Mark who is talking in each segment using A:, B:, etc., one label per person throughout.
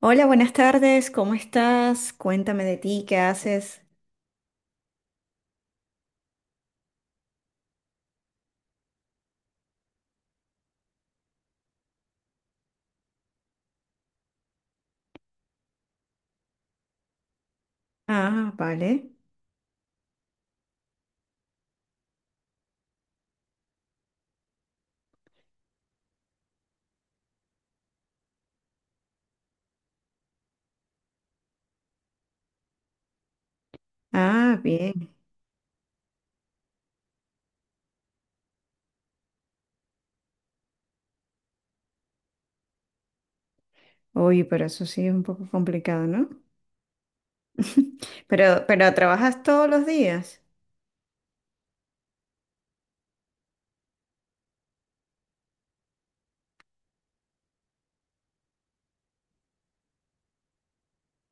A: Hola, buenas tardes, ¿cómo estás? Cuéntame de ti, ¿qué haces? Ah, vale. Ah, bien. Uy, pero eso sí es un poco complicado, ¿no? Pero ¿trabajas todos los días?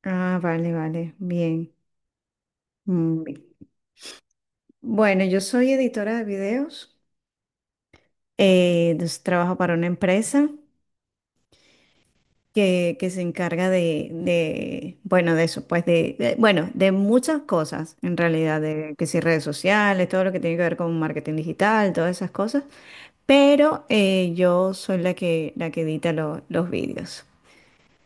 A: Ah, vale, vale, bien. Mm, bien. Bueno, yo soy editora de videos, entonces trabajo para una empresa, que se encarga bueno, de eso, pues bueno, de muchas cosas en realidad, de que si redes sociales, todo lo que tiene que ver con marketing digital, todas esas cosas, pero yo soy la que edita los vídeos.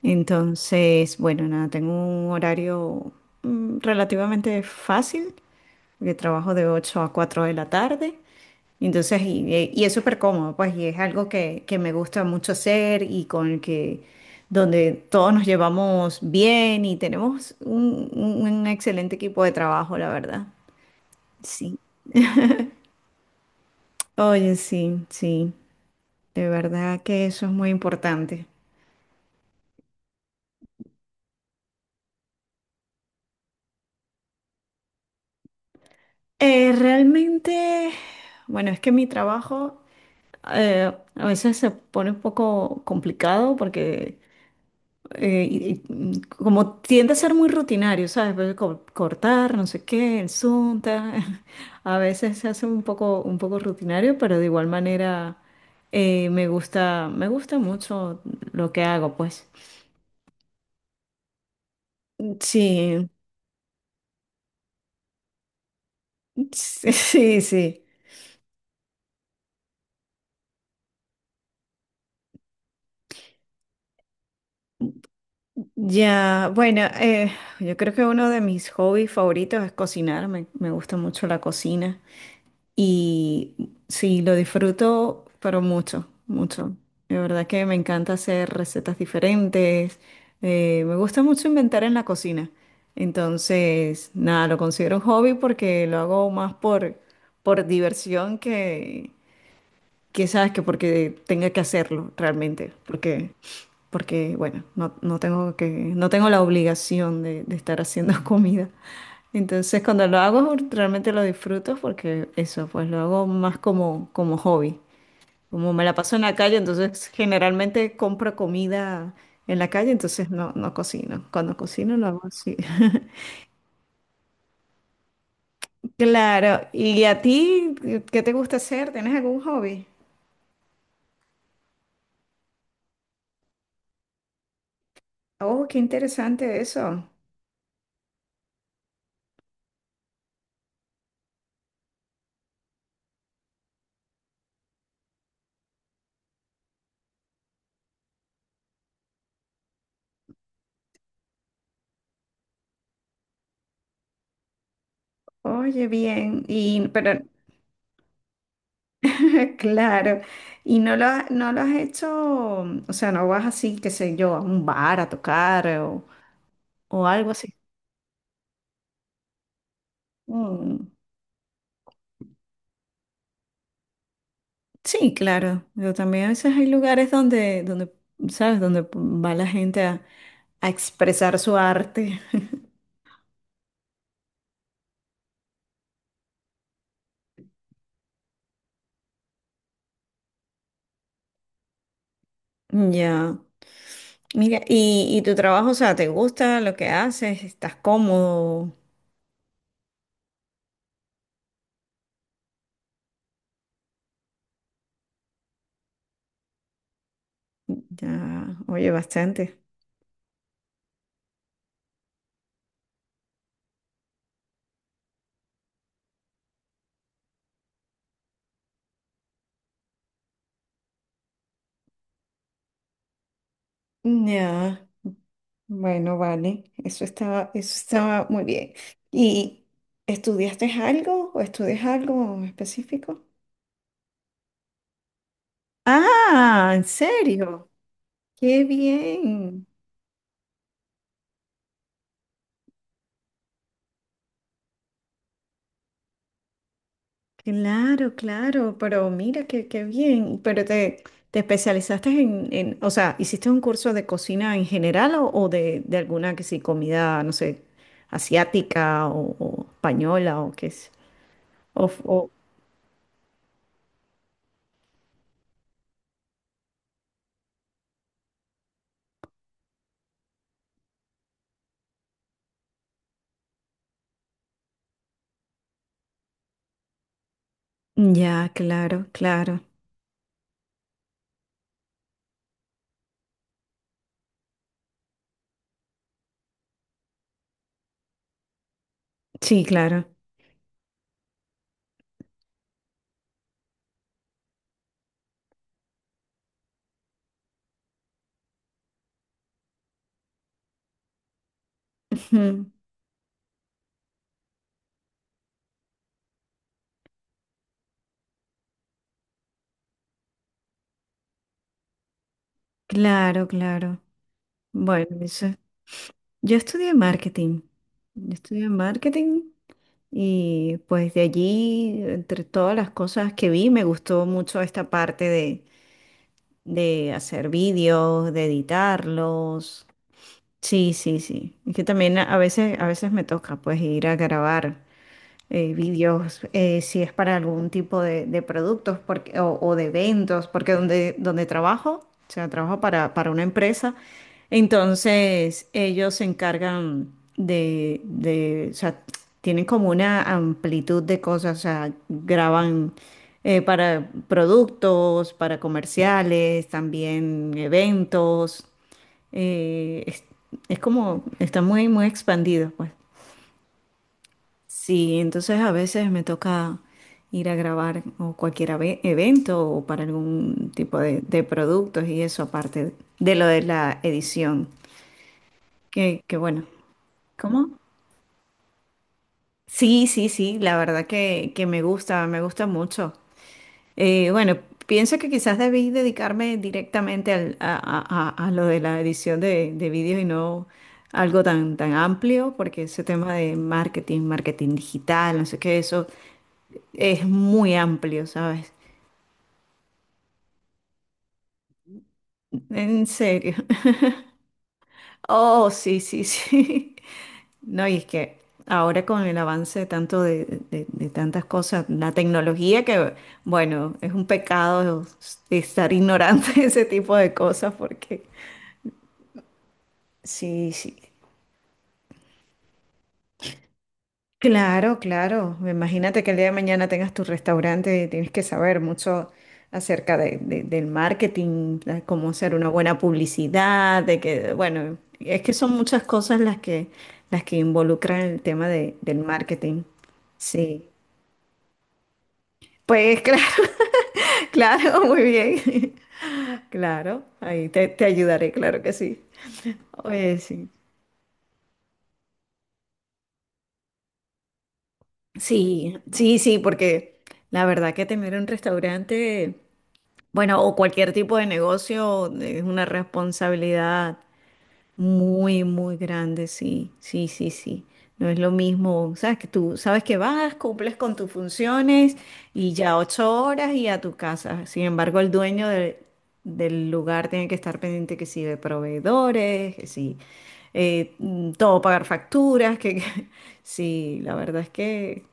A: Entonces, bueno, nada, tengo un horario relativamente fácil porque trabajo de 8 a 4 de la tarde. Entonces, y es súper cómodo, pues, y es algo que me gusta mucho hacer donde todos nos llevamos bien y tenemos un excelente equipo de trabajo, la verdad. Sí. Oye, sí, sí, de verdad que eso es muy importante. Realmente, bueno, es que mi trabajo, a veces se pone un poco complicado porque como tiende a ser muy rutinario, ¿sabes? Pues, cortar, no sé qué, el Zoom. A veces se hace un poco rutinario, pero de igual manera, me gusta mucho lo que hago, pues. Sí, sí, Sí. Sí. Ya, bueno, yo creo que uno de mis hobbies favoritos es cocinar, me gusta mucho la cocina. Y sí, lo disfruto, pero mucho, mucho. De verdad que me encanta hacer recetas diferentes. Me gusta mucho inventar en la cocina. Entonces, nada, lo considero un hobby porque lo hago más por diversión, que sabes que porque tenga que hacerlo realmente, porque, bueno, no tengo la obligación de estar haciendo comida. Entonces cuando lo hago realmente lo disfruto porque eso, pues lo hago más como hobby. Como me la paso en la calle, entonces generalmente compro comida en la calle, entonces no cocino. Cuando cocino lo hago así. Claro, ¿y a ti qué te gusta hacer? ¿Tienes algún hobby? Oh, qué interesante eso. Oye, bien, y pero claro, y no lo has hecho, o sea, no vas así, qué sé yo, a un bar a tocar, o algo así. Mm, sí, claro, pero también a veces hay lugares donde, ¿sabes? Donde va la gente a expresar su arte. Ya. Mira, y tu trabajo, o sea, ¿te gusta lo que haces? ¿Estás cómodo? Ya, oye, bastante. Ya. Bueno, vale, eso estaba muy bien. ¿Y estudiaste algo o estudias algo específico? Ah, ¿en serio? Qué bien, claro, claro, pero mira qué bien. Pero te especializaste o sea, ¿hiciste un curso de cocina en general, o de alguna, que sí, comida, no sé, asiática, o española, o qué es? O, o- ya, claro, claro. Sí, claro. Ujú. Claro, claro. Bueno, eso. Yo estudié marketing. Yo estudié marketing y pues de allí, entre todas las cosas que vi, me gustó mucho esta parte de hacer vídeos, de editarlos. Sí, sí, sí. Es que también a veces me toca pues ir a grabar. Vídeos, si es para algún tipo de productos porque, o de eventos, porque donde trabajo, o sea, trabajo para una empresa, entonces ellos se encargan o sea, tienen como una amplitud de cosas, o sea, graban, para productos, para comerciales, también eventos, eh, es, es como, está muy, muy expandido, pues. Sí, entonces a veces me toca ir a grabar o cualquier evento o para algún tipo de productos y eso aparte de lo de la edición. Que bueno. ¿Cómo? Sí, sí, sí, la verdad que me gusta mucho. Bueno, pienso que quizás debí dedicarme directamente a lo de la edición de vídeos y no algo tan amplio, porque ese tema de marketing digital, no sé qué, eso. Es muy amplio, ¿sabes? En serio. Oh, sí, sí, sí. No, y es que ahora con el avance de tanto de tantas cosas, la tecnología que, bueno, es un pecado estar ignorante de ese tipo de cosas porque sí, sí. Claro, claro. Imagínate que el día de mañana tengas tu restaurante y tienes que saber mucho acerca del marketing, de cómo hacer una buena publicidad, de que, bueno, es que son muchas cosas las que, involucran el tema del marketing. Sí. Pues claro, claro, muy bien. Claro, ahí te ayudaré, claro que sí. Oye, sí. Sí, sí, sí, porque la verdad que tener un restaurante, bueno, o cualquier tipo de negocio, es una responsabilidad muy, muy grande, sí, sí, sí, sí. No es lo mismo, sabes que tú sabes que vas, cumples con tus funciones y ya 8 horas y a tu casa. Sin embargo, el dueño del lugar tiene que estar pendiente que sí de proveedores, que sí, todo pagar facturas, sí, la verdad es que,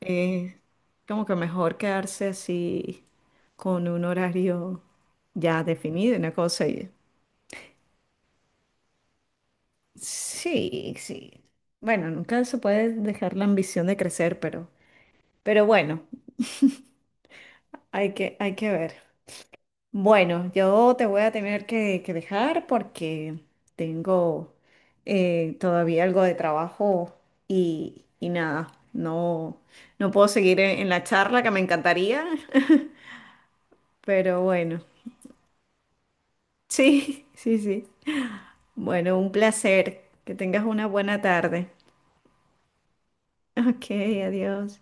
A: eh, como que mejor quedarse así con un horario ya definido, una cosa. Sí, sí. Bueno, nunca se puede dejar la ambición de crecer, pero, bueno, hay que ver. Bueno, yo te voy a tener que dejar porque tengo, todavía algo de trabajo y nada, no puedo seguir en la charla, que me encantaría. Pero bueno, sí, sí, sí. Bueno, un placer. Que tengas una buena tarde. Ok, adiós.